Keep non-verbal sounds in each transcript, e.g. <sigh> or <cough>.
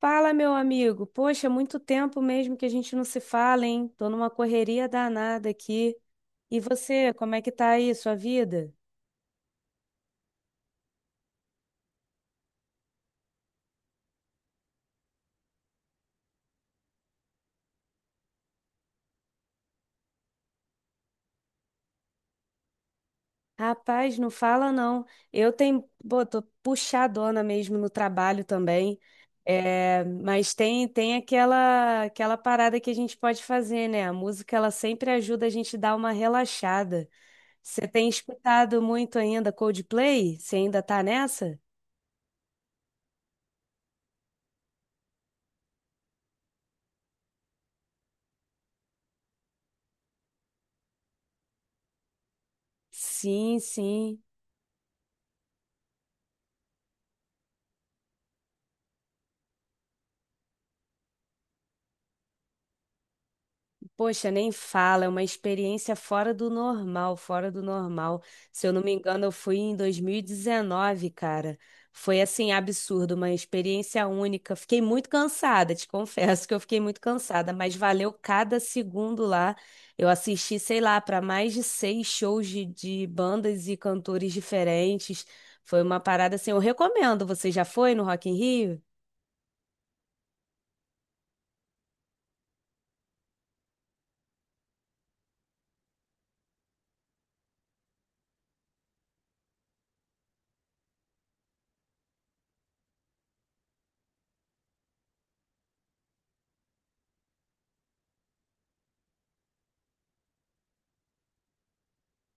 Fala, meu amigo. Poxa, muito tempo mesmo que a gente não se fala, hein? Tô numa correria danada aqui. E você, como é que tá aí, sua vida? Rapaz, não fala não. Pô, tô puxadona mesmo no trabalho também. É, mas tem aquela parada que a gente pode fazer, né? A música ela sempre ajuda a gente dar uma relaxada. Você tem escutado muito ainda Coldplay? Você ainda tá nessa? Sim, sim. Poxa, nem fala, é uma experiência fora do normal, fora do normal. Se eu não me engano, eu fui em 2019, cara. Foi assim, absurdo, uma experiência única. Fiquei muito cansada, te confesso que eu fiquei muito cansada, mas valeu cada segundo lá. Eu assisti, sei lá, para mais de seis shows de bandas e cantores diferentes. Foi uma parada assim, eu recomendo. Você já foi no Rock in Rio?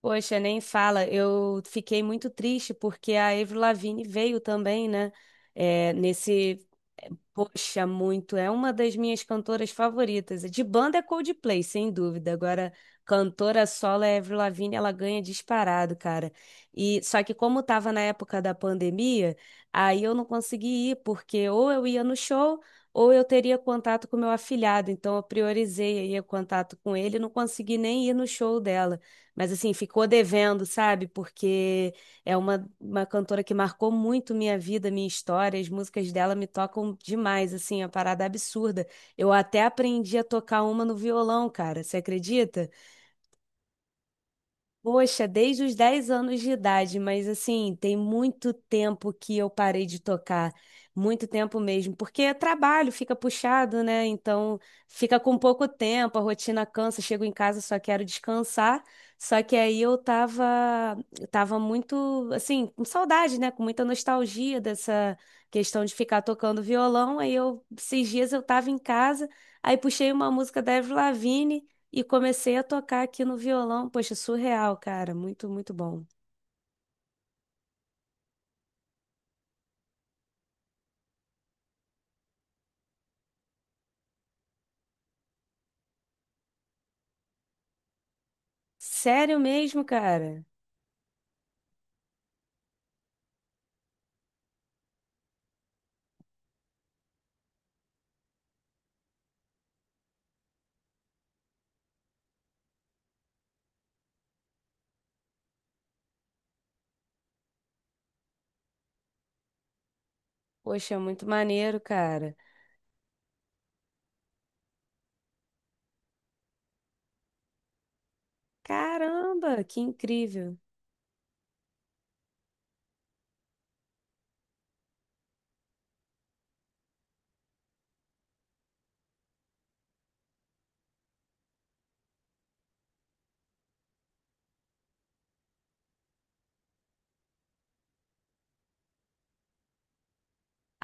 Poxa, nem fala. Eu fiquei muito triste porque a Avril Lavigne veio também, né? É, nesse Poxa, muito. É uma das minhas cantoras favoritas. De banda é Coldplay, sem dúvida. Agora, cantora solo é Avril Lavigne, ela ganha disparado, cara. E só que como tava na época da pandemia, aí eu não consegui ir, porque ou eu ia no show, ou eu teria contato com meu afilhado. Então eu priorizei aí o contato com ele, não consegui nem ir no show dela. Mas assim, ficou devendo, sabe? Porque é uma cantora que marcou muito minha vida, minha história. As músicas dela me tocam demais, assim, é uma parada absurda. Eu até aprendi a tocar uma no violão, cara. Você acredita? Poxa, desde os 10 anos de idade, mas assim, tem muito tempo que eu parei de tocar, muito tempo mesmo, porque é trabalho, fica puxado, né? Então, fica com pouco tempo, a rotina cansa, chego em casa, só quero descansar. Só que aí eu tava muito, assim, com saudade, né? Com muita nostalgia dessa questão de ficar tocando violão. Aí eu, esses dias eu tava em casa, aí puxei uma música da Avril Lavigne. E comecei a tocar aqui no violão. Poxa, surreal, cara. Muito, muito bom. Sério mesmo, cara? Poxa, muito maneiro, cara. Caramba, que incrível.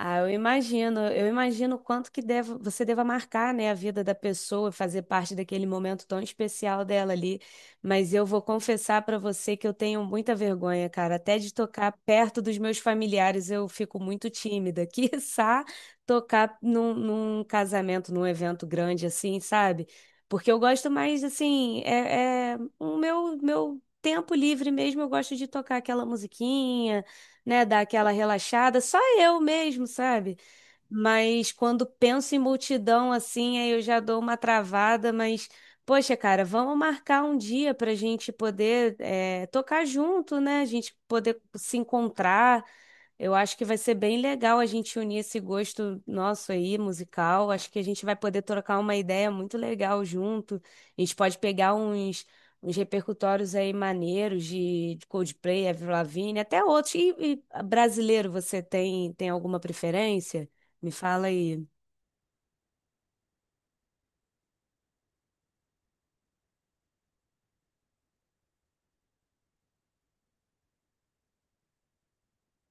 Ah, eu imagino o quanto que deve, você deva marcar, né, a vida da pessoa, fazer parte daquele momento tão especial dela ali. Mas eu vou confessar para você que eu tenho muita vergonha, cara, até de tocar perto dos meus familiares eu fico muito tímida. <laughs> Quiçá tocar num casamento, num evento grande assim, sabe? Porque eu gosto mais, assim, é o meu tempo livre mesmo, eu gosto de tocar aquela musiquinha, né, dar aquela relaxada, só eu mesmo, sabe? Mas quando penso em multidão assim, aí eu já dou uma travada, mas poxa, cara, vamos marcar um dia pra gente poder é, tocar junto, né? A gente poder se encontrar. Eu acho que vai ser bem legal a gente unir esse gosto nosso aí, musical. Acho que a gente vai poder trocar uma ideia muito legal junto. A gente pode pegar uns repercutórios aí maneiros de Coldplay, Avril Lavigne, até outros. E brasileiro, você tem alguma preferência? Me fala aí.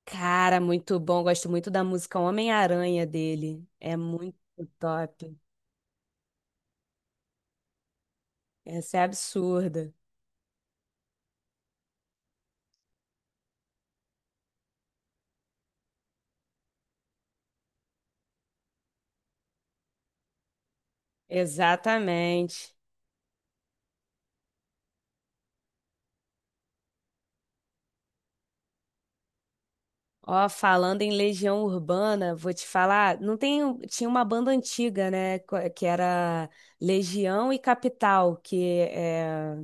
Cara, muito bom. Gosto muito da música Homem-Aranha dele. É muito top. Essa é absurda. Exatamente. Ó, falando em Legião Urbana, vou te falar, não tem, tinha uma banda antiga, né, que era Legião e Capital, que é...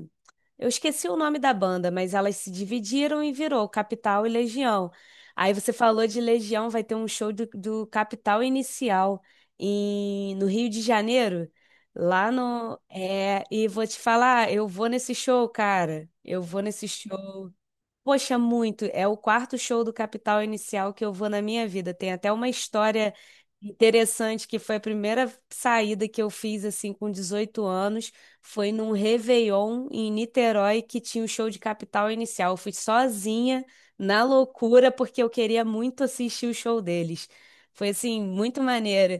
Eu esqueci o nome da banda, mas elas se dividiram e virou Capital e Legião. Aí você falou de Legião, vai ter um show do Capital Inicial em, no Rio de Janeiro, lá no... É, e vou te falar, eu vou nesse show, cara. Eu vou nesse show. Poxa, muito. É o quarto show do Capital Inicial que eu vou na minha vida. Tem até uma história interessante que foi a primeira saída que eu fiz assim com 18 anos. Foi num Réveillon em Niterói que tinha o show de Capital Inicial. Eu fui sozinha, na loucura, porque eu queria muito assistir o show deles. Foi assim, muito maneiro.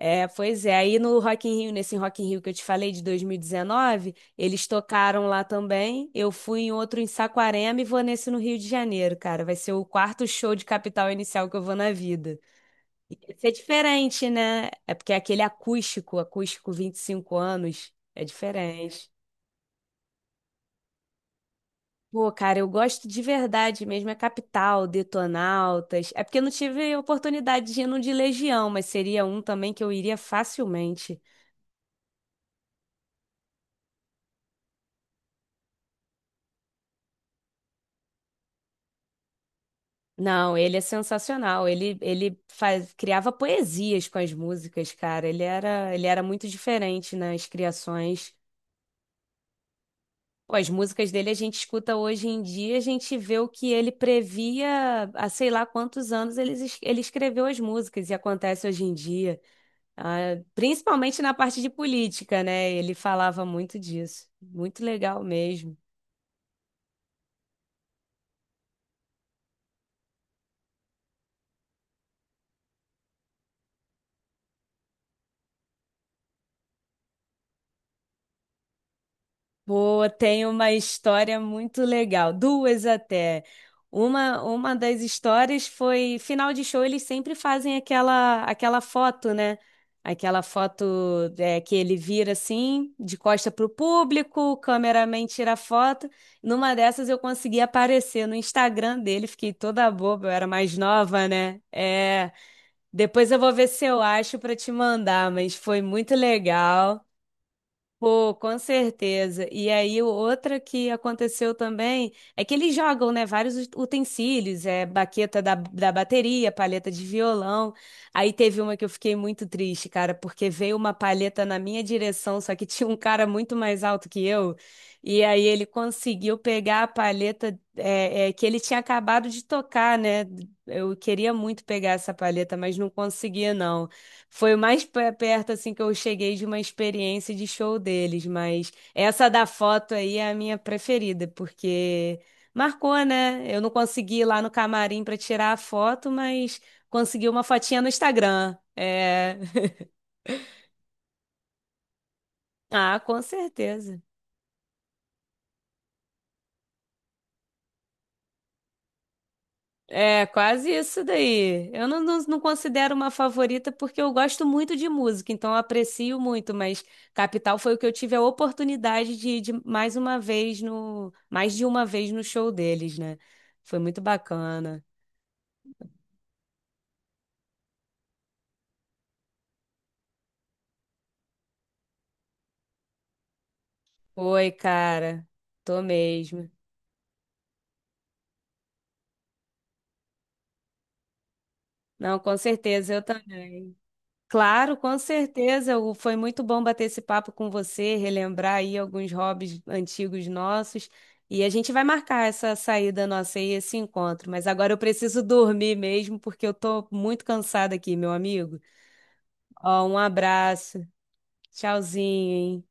É, pois é. Aí no Rock in Rio, nesse Rock in Rio que eu te falei de 2019, eles tocaram lá também. Eu fui em outro em Saquarema e vou nesse no Rio de Janeiro, cara. Vai ser o quarto show de Capital Inicial que eu vou na vida. Vai ser diferente, né? É porque é aquele acústico, acústico 25 anos, é diferente. Pô, cara, eu gosto de verdade mesmo, é Capital, Detonautas. É porque eu não tive oportunidade de ir no de Legião, mas seria um também que eu iria facilmente. Não, ele é sensacional. Ele criava poesias com as músicas, cara. Ele era muito diferente nas criações. Pô, as músicas dele a gente escuta hoje em dia, a gente vê o que ele previa há sei lá quantos anos ele escreveu as músicas e acontece hoje em dia. Ah, principalmente na parte de política, né? Ele falava muito disso. Muito legal mesmo. Pô, tem uma história muito legal, duas até. Uma das histórias foi, final de show, eles sempre fazem aquela foto, né? Aquela foto é, que ele vira assim, de costa pro público, o cameraman tira a foto. Numa dessas eu consegui aparecer no Instagram dele, fiquei toda boba, eu era mais nova, né? É, depois eu vou ver se eu acho para te mandar, mas foi muito legal. Pô, com certeza. E aí, outra que aconteceu também é que eles jogam, né, vários utensílios, é baqueta da bateria, palheta de violão. Aí teve uma que eu fiquei muito triste, cara, porque veio uma palheta na minha direção, só que <laughs> tinha um cara muito mais alto que eu. E aí ele conseguiu pegar a palheta que ele tinha acabado de tocar, né? Eu queria muito pegar essa palheta, mas não conseguia, não. Foi o mais perto assim que eu cheguei de uma experiência de show deles, mas essa da foto aí é a minha preferida, porque marcou, né? Eu não consegui ir lá no camarim para tirar a foto, mas consegui uma fotinha no Instagram. É... <laughs> Ah, com certeza. É, quase isso daí. Eu não, não, não considero uma favorita porque eu gosto muito de música, então eu aprecio muito, mas Capital foi o que eu tive a oportunidade de ir de mais de uma vez no show deles, né? Foi muito bacana. Foi, cara. Tô mesmo. Não, com certeza, eu também. Claro, com certeza. Foi muito bom bater esse papo com você, relembrar aí alguns hobbies antigos nossos. E a gente vai marcar essa saída nossa aí, esse encontro. Mas agora eu preciso dormir mesmo, porque eu tô muito cansada aqui, meu amigo. Ó, um abraço. Tchauzinho, hein?